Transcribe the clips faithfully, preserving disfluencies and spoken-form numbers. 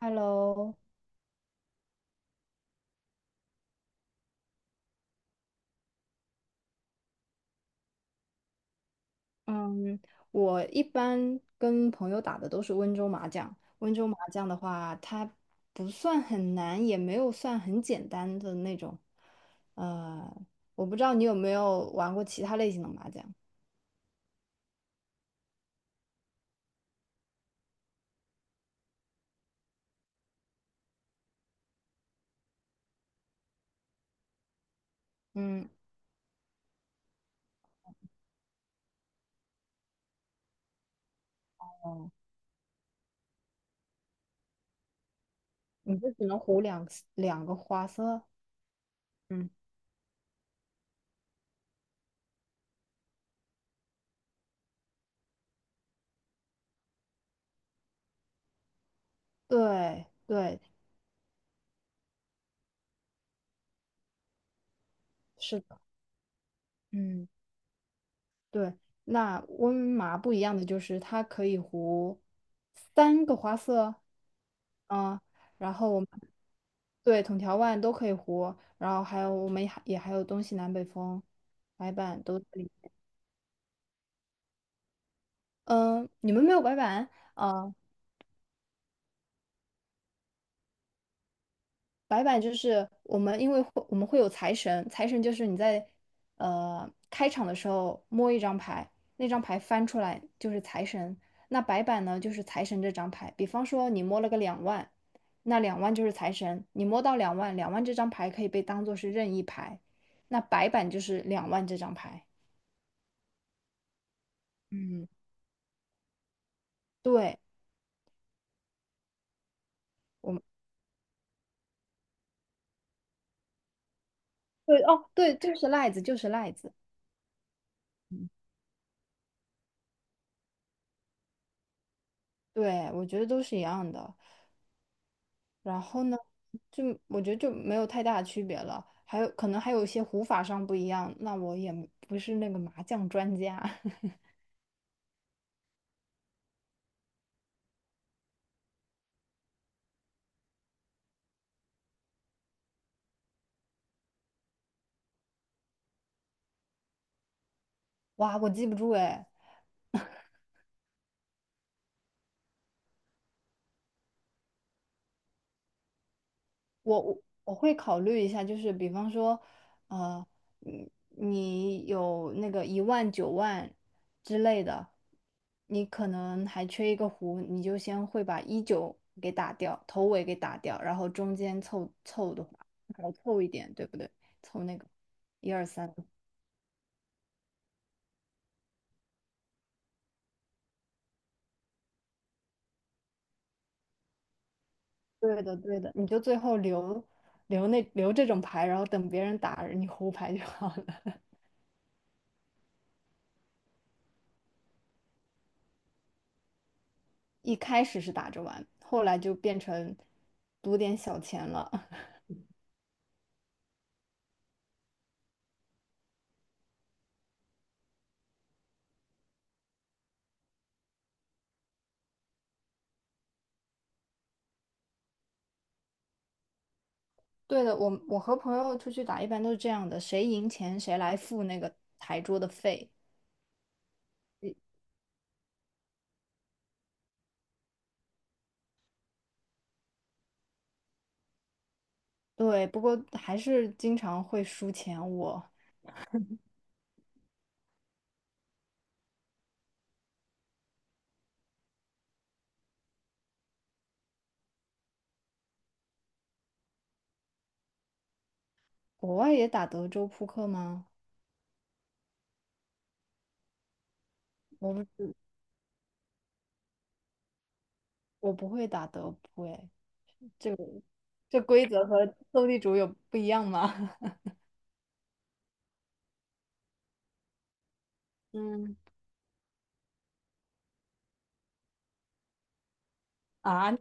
Hello,嗯，我一般跟朋友打的都是温州麻将。温州麻将的话，它不算很难，也没有算很简单的那种。呃，我不知道你有没有玩过其他类型的麻将。嗯，哦，你就只能胡两两个花色。嗯，对对，是的。嗯。对，那温麻不一样的就是它可以糊三个花色。嗯，然后我们对筒条腕都可以糊，然后还有我们也还也还有东西南北风，白板都可以。嗯，你们没有白板？啊，白板就是我们，因为会我们会有财神，财神就是你在呃开场的时候摸一张牌，那张牌翻出来就是财神。那白板呢，就是财神这张牌。比方说你摸了个两万，那两万就是财神。你摸到两万，两万这张牌可以被当做是任意牌，那白板就是两万这张牌。嗯，对，我们对哦，对，就是赖子，就是赖子。对，我觉得都是一样的。然后呢，就我觉得就没有太大的区别了，还有可能还有一些胡法上不一样，那我也不是那个麻将专家。哇，我记不住哎。我我我会考虑一下，就是比方说，呃，你你有那个一万九万之类的，你可能还缺一个胡，你就先会把一九给打掉，头尾给打掉，然后中间凑凑的话，少凑一点，对不对？凑那个一二三。对的，对的，你就最后留留那留这种牌，然后等别人打你胡牌就好了。一开始是打着玩，后来就变成赌点小钱了。对的，我我和朋友出去打，一般都是这样的，谁赢钱谁来付那个台桌的费。对，不过还是经常会输钱。我国外也打德州扑克吗？我不知我不会打德扑，哎，这个这规则和斗地主有不一样吗？嗯。啊，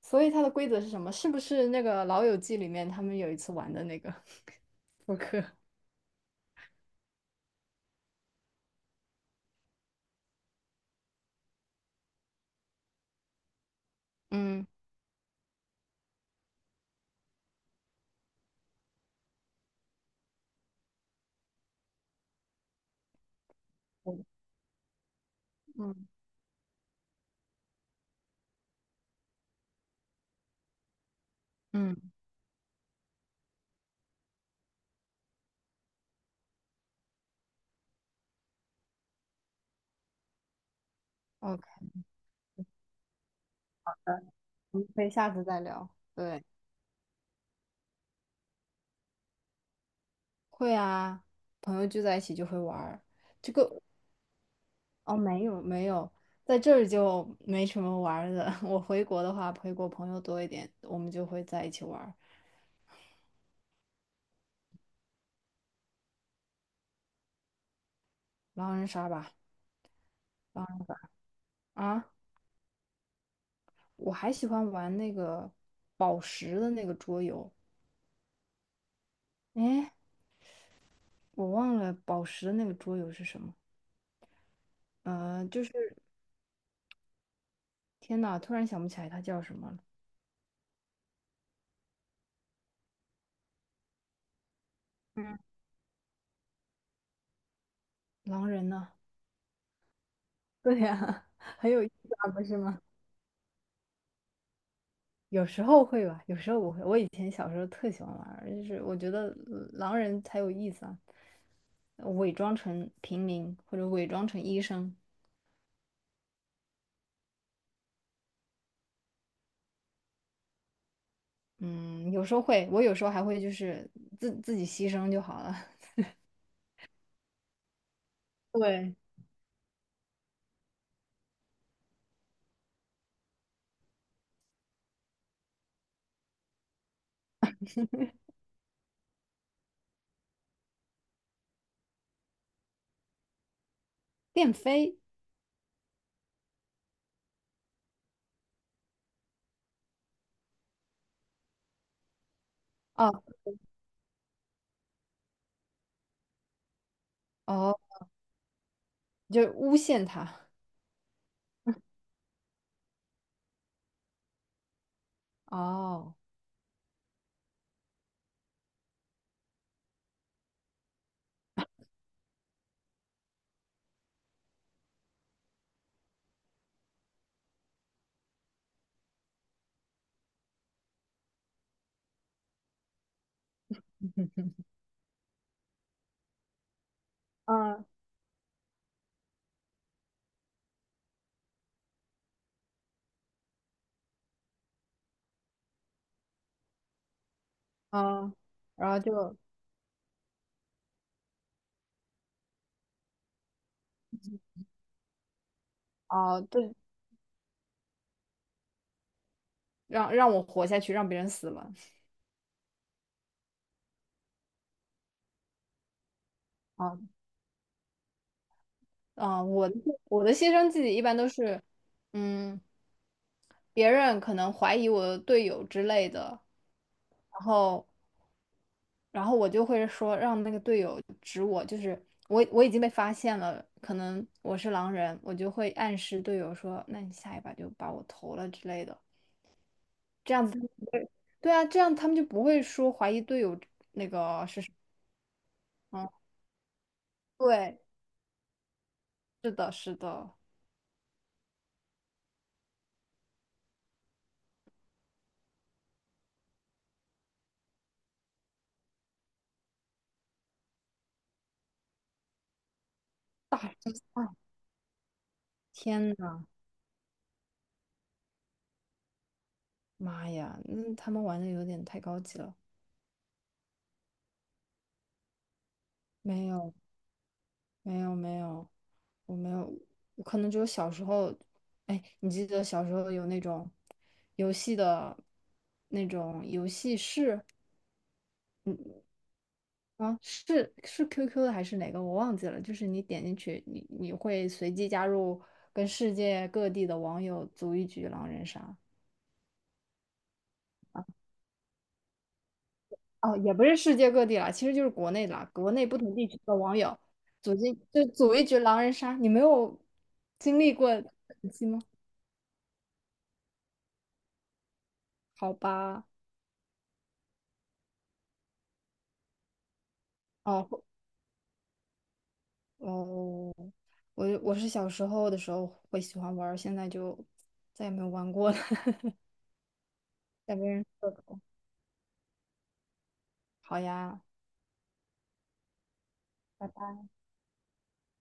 所以它的规则是什么？是不是那个《老友记》里面他们有一次玩的那个 扑克？嗯嗯，OK,我们可以下次再聊。对，会啊，朋友聚在一起就会玩儿。这个哦，没有没有，在这儿就没什么玩儿的。我回国的话，回国朋友多一点，我们就会在一起玩儿狼人杀吧。狼啊，我还喜欢玩那个宝石的那个桌游。哎，我忘了宝石的那个桌游是什么。呃，就是。天呐，突然想不起来他叫什么了。狼人呢？对呀。很有意思啊，不是吗？有时候会吧，有时候不会。我以前小时候特喜欢玩儿，就是我觉得呃狼人才有意思啊，伪装成平民或者伪装成医生。嗯，有时候会，我有时候还会就是自自己牺牲就好了。对，电飞啊，哦，就诬陷他，哦，嗯嗯，然后就哦，对，让让我活下去，让别人死了。啊，啊，我的我的牺牲自己一般都是，嗯，别人可能怀疑我的队友之类的，然后然后我就会说让那个队友指我，就是我我已经被发现了，可能我是狼人，我就会暗示队友说，那你下一把就把我投了之类的，这样子他们不会，对啊，这样他们就不会说怀疑队友。嗯，对，是的，是的。大天呐，妈呀，那他们玩的有点太高级了。没有，没有，没有，我没有。我可能只有小时候，哎，你记得小时候有那种游戏的那种游戏室，嗯，啊，是是 Q Q 的还是哪个我忘记了，就是你点进去，你你会随机加入跟世界各地的网友组一局狼人杀。哦，也不是世界各地啦，其实就是国内啦，国内不同地区的网友组进就组一局狼人杀，你没有经历过这种时期吗？好吧，哦哦，我我是小时候的时候会喜欢玩儿，现在就再也没有玩过了。再没人说狗好呀，拜拜。